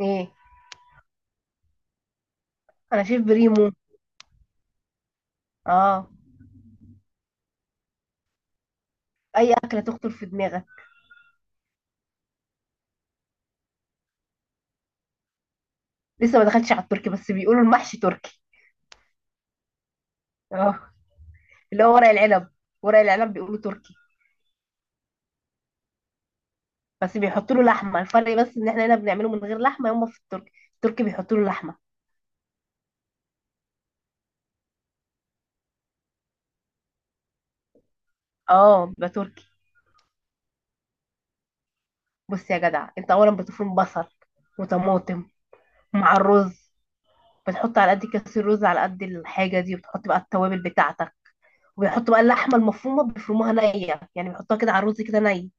ايه؟ انا شايف بريمو. اه. اي اكله تخطر في دماغك. لسه ما دخلتش على التركي بس بيقولوا المحشي تركي. اه، اللي هو ورق العنب. ورق العنب بيقولوا تركي. بس بيحطوا له لحمه. الفرق بس ان احنا هنا بنعمله من غير لحمه، يوم في التركي بيحطوا له لحمه. اه، بيبقى تركي. بص يا جدع، انت اولا بتفرم بصل وطماطم مع الرز. بتحط على قد كاس الرز على قد الحاجه دي، وبتحط بقى التوابل بتاعتك. وبيحطوا بقى اللحمه المفرومه، بيفرموها نيه، يعني بيحطوها كده على الرز كده ني.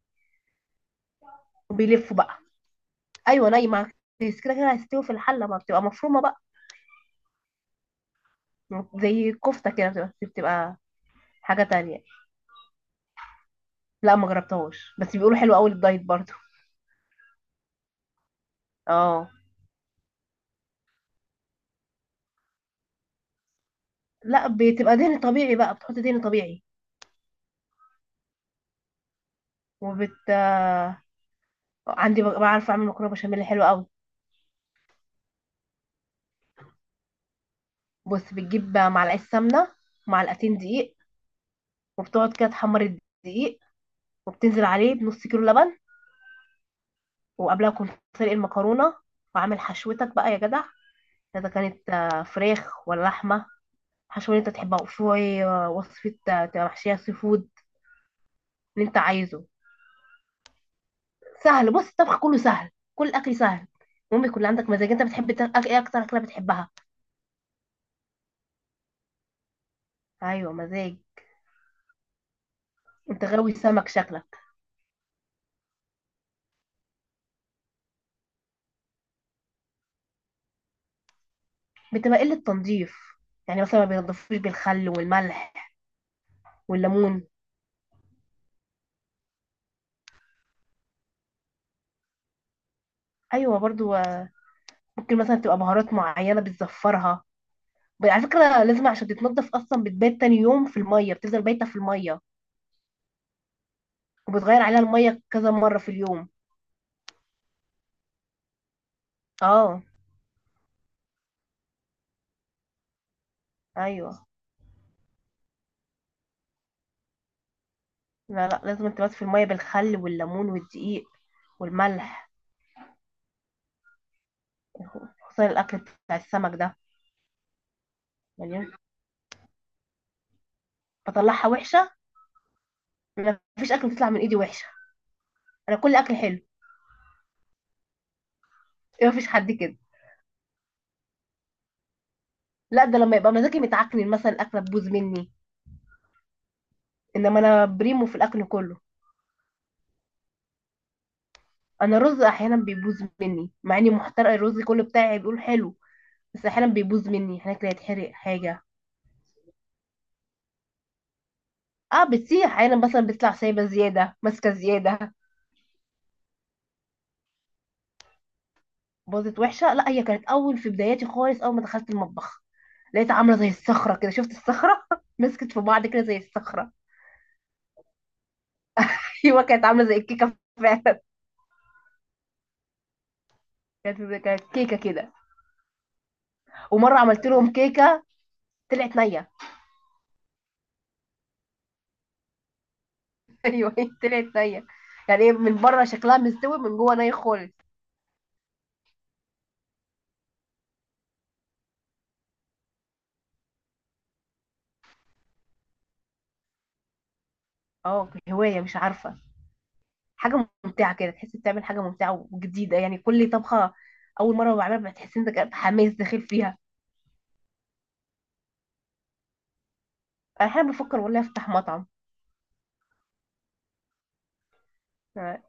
وبيلفوا بقى. ايوه، نايمه. بس كده كده هيستوي في الحله، ما بتبقى مفرومه بقى، زي الكفته كده، بتبقى حاجه تانية. لا ما جربتهاش بس بيقولوا حلو قوي للدايت برضو. اه. لا بتبقى دهن طبيعي بقى، بتحط دهن طبيعي. وبت عندي بعرف اعمل مكرونه بشاميل حلو قوي. بص، بتجيب معلقه سمنه، معلقتين دقيق، وبتقعد كده تحمر الدقيق. وبتنزل عليه بنص كيلو لبن. وقبلها كنت سلق المكرونه، وعامل حشوتك بقى يا جدع. اذا كانت فراخ ولا لحمه، حشوة اللي انت تحبها، وشوية وصفة تبقى محشية سي فود اللي انت عايزه. سهل، بص الطبخ كله سهل، كل الاكل سهل. المهم يكون عندك مزاج. انت بتحب ايه اكتر اكلة بتحبها؟ ايوه، مزاج. انت غاوي سمك شكلك. بتبقى قلة تنظيف. يعني مثلا ما بينضفوش بالخل والملح والليمون. ايوه برضو. ممكن مثلا تبقى بهارات معينة بتزفرها. على فكرة لازم عشان تتنضف اصلا بتبات تاني يوم في المية، بتفضل بايتة في المية، وبتغير عليها المية كذا مرة في اليوم. اه. ايوه. لا لا، لازم تبات في المية بالخل والليمون والدقيق والملح، خصوصا الأكل بتاع السمك ده. يعني بطلعها وحشة؟ ما فيش أكل بتطلع من إيدي وحشة. أنا كل أكل حلو. ما فيش حد كده. لا، ده لما يبقى مزاجي متعكن مثلا الأكلة تبوظ مني، إنما أنا بريمو في الأكل كله. أنا الرز أحيانا بيبوظ مني، مع إني محترقة الرز كله بتاعي بيقول حلو. بس أحيانا بيبوظ مني، أحيانا كده يتحرق حاجة. اه بتسيح أحيانا، مثلا بتطلع سايبة زيادة، ماسكة زيادة. باظت وحشه، لا هي كانت اول، في بداياتي خالص اول ما دخلت المطبخ لقيتها عامله زي الصخره كده. شفت الصخره؟ مسكت في بعض كده زي الصخره. ايوه كانت عامله زي الكيكه فعلا. كانت كيكه كده. ومره عملت لهم كيكه، طلعت نيه. ايوه طلعت نيه. يعني ايه، من بره شكلها مستوي، من جوه ني خالص. اه هوايه، مش عارفه. حاجه ممتعه كده، تحس بتعمل حاجه ممتعه وجديده. يعني كل طبخه اول مره بعملها بتحس انك حماس داخل فيها. انا احيانا بفكر والله افتح مطعم. آه،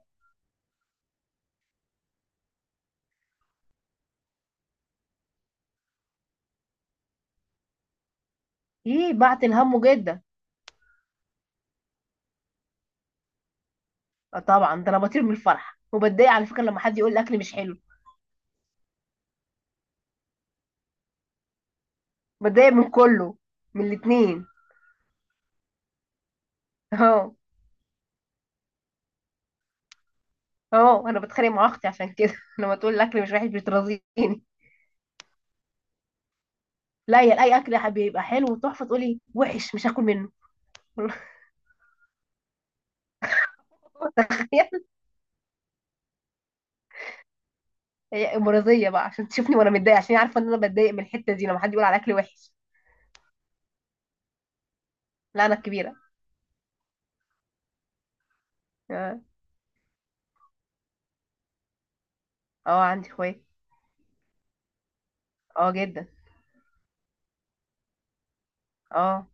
ايه بعت الهم جدا. آه طبعا، ده انا بطير من الفرح، وبتضايق على فكره لما حد يقول الاكل مش حلو. بتضايق من كله. من الاتنين. اهو. اهو انا بتخانق مع اختي عشان كده لما تقول الاكل مش وحش بترازيني. لا يا، اي اكل يا حبيبي يبقى حلو وتحفه تقولي وحش مش هاكل منه. تخيل. هي مرضيه بقى عشان تشوفني وانا متضايقه، عشان هي عارفه ان انا بتضايق من الحته دي لما حد يقول على اكل وحش. لا انا الكبيره. اه. عندي اخوات. اه جدا. اه.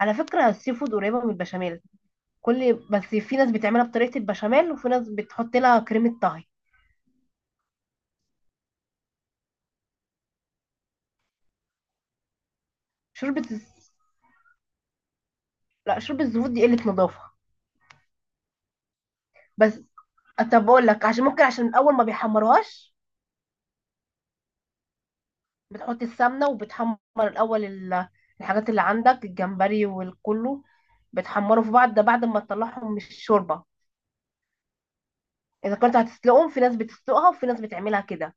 على فكره السي فود قريبه من البشاميل. كل بس في ناس بتعملها بطريقة البشاميل، وفي ناس بتحط لها كريمة طهي. شوربة الز- لا، شوربة الزبود دي قلة نظافة. بس. طب اقول لك، عشان ممكن عشان اول ما بيحمروهاش، بتحط السمنة وبتحمر الاول الحاجات اللي عندك، الجمبري والكله بتحمره في بعض. ده بعد ما تطلعهم من الشوربة، اذا كنت هتسلقهم، في ناس بتسلقها وفي ناس بتعملها كده.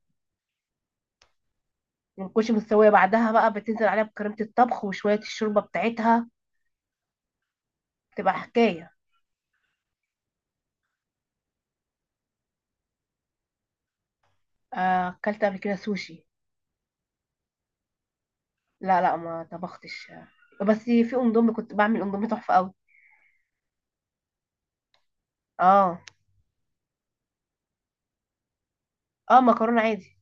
ما بتكونش مستوية، بعدها بقى بتنزل عليها بكريمة الطبخ وشوية الشوربة بتاعتها، تبقى حكاية. اكلت قبل كده سوشي. لا لا ما طبختش، بس في اندومي كنت بعمل اندومي تحفه قوي. اه. اه مكرونه عادي.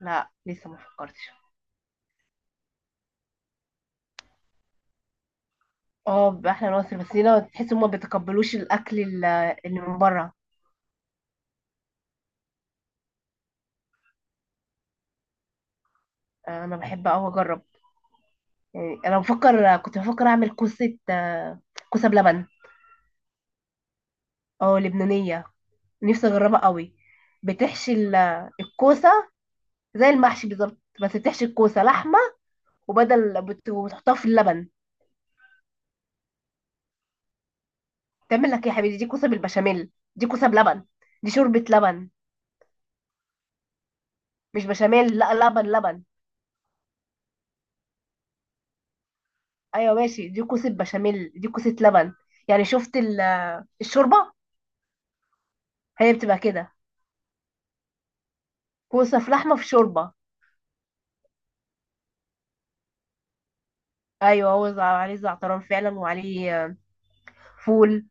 لا لسه ما فكرتش. اه باحلى ناصر، بس هنا تحس ان ما بيتقبلوش الاكل اللي من بره. انا بحب قوي اجرب. يعني انا بفكر، كنت بفكر اعمل كوسه، كوسه بلبن. اه لبنانيه. نفسي اجربها قوي. بتحشي الكوسه زي المحشي بالظبط، بس بتحشي الكوسه لحمه، وبتحطها في اللبن. تعمل لك إيه يا حبيبي؟ دي كوسه بالبشاميل، دي كوسه بلبن، دي شوربه لبن. مش بشاميل، لا لبن لبن. ايوه ماشي، دي كوسه بشاميل دي كوسه لبن. يعني شفت الشوربه، هي بتبقى كده، كوسه في لحمه في شوربه. ايوه هو عليه زعتران فعلا، وعليه فول،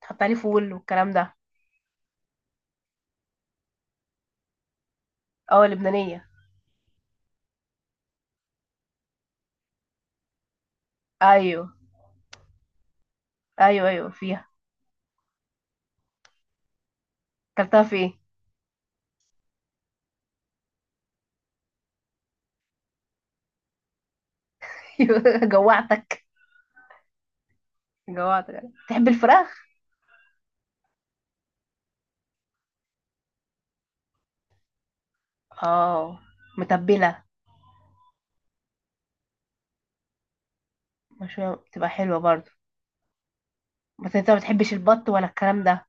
تحط عليه فول والكلام ده. اه لبنانيه. ايوه ايوه ايوه فيها. اكلتها في ايه؟ جوعتك. جوعتك. تحب الفراخ. اه. متبله. مشوية بتبقى حلوه برضه. بس انت ما بتحبش البط ولا الكلام ده؟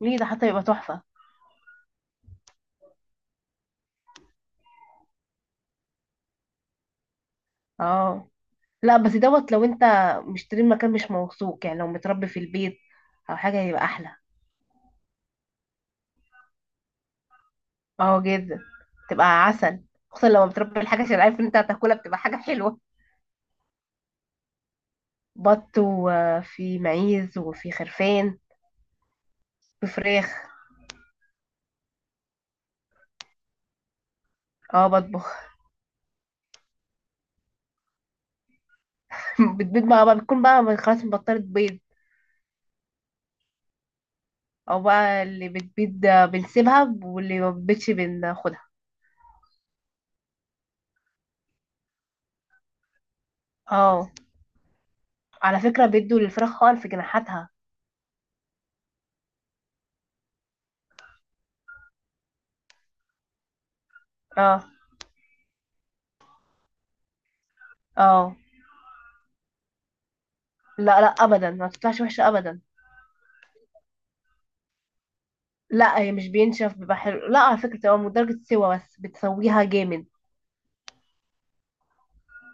ليه، ده حتى يبقى تحفة. اه، لا بس دوت لو انت مشتري مكان مش موثوق، يعني لو متربي في البيت او حاجة هيبقى احلى. اه جدا، تبقى عسل. خصوصا لو متربي الحاجة، عشان عارف ان انت هتاكلها، بتبقى حاجة حلوة. بط وفي معيز وفي خرفان وفراخ. اه بطبخ. بتبيض بقى بتكون بقى خلاص بطلت بيض، او بقى اللي بتبيض بنسيبها واللي ما بتبيضش بناخدها. اه على فكرة بيدوا للفراخ خالص في جناحاتها. اه. اه. لا لا ابدا، ما تطلعش وحشه ابدا. لا هي مش بينشف، بيبقى حلو، لا على فكره، تبقى من درجه سوا بس بتسويها جامد.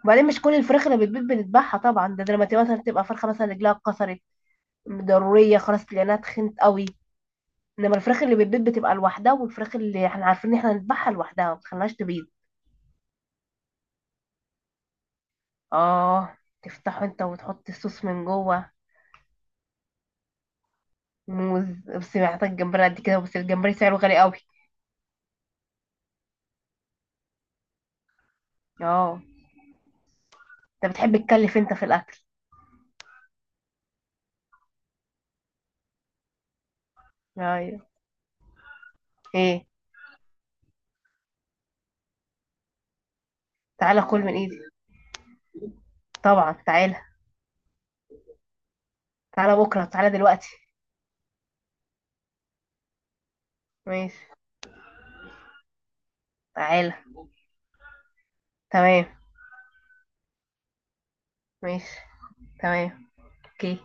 وبعدين مش كل الفراخ اللي بتبيض بنذبحها طبعا، ده لما تبقى مثلا تبقى فرخه مثلا رجلها اتكسرت ضروريه خلاص لانها تخنت قوي. انما الفراخ اللي بتبيض بتبقى لوحدها، والفراخ اللي احنا عارفين ان احنا نذبحها لوحدها ما بتخليهاش تبيض. اه. تفتحه انت وتحط الصوص من جوه. موز. بس محتاج جمبري قد كده، بس الجمبري سعره غالي قوي. اه. انت بتحب تكلف انت في الاكل. ايوه. ايه. تعالى كل من ايدي. طبعا تعالى. تعالى بكرة، تعالى دلوقتي. ماشي. تعالى. تمام. ماشي. تمام. اوكي.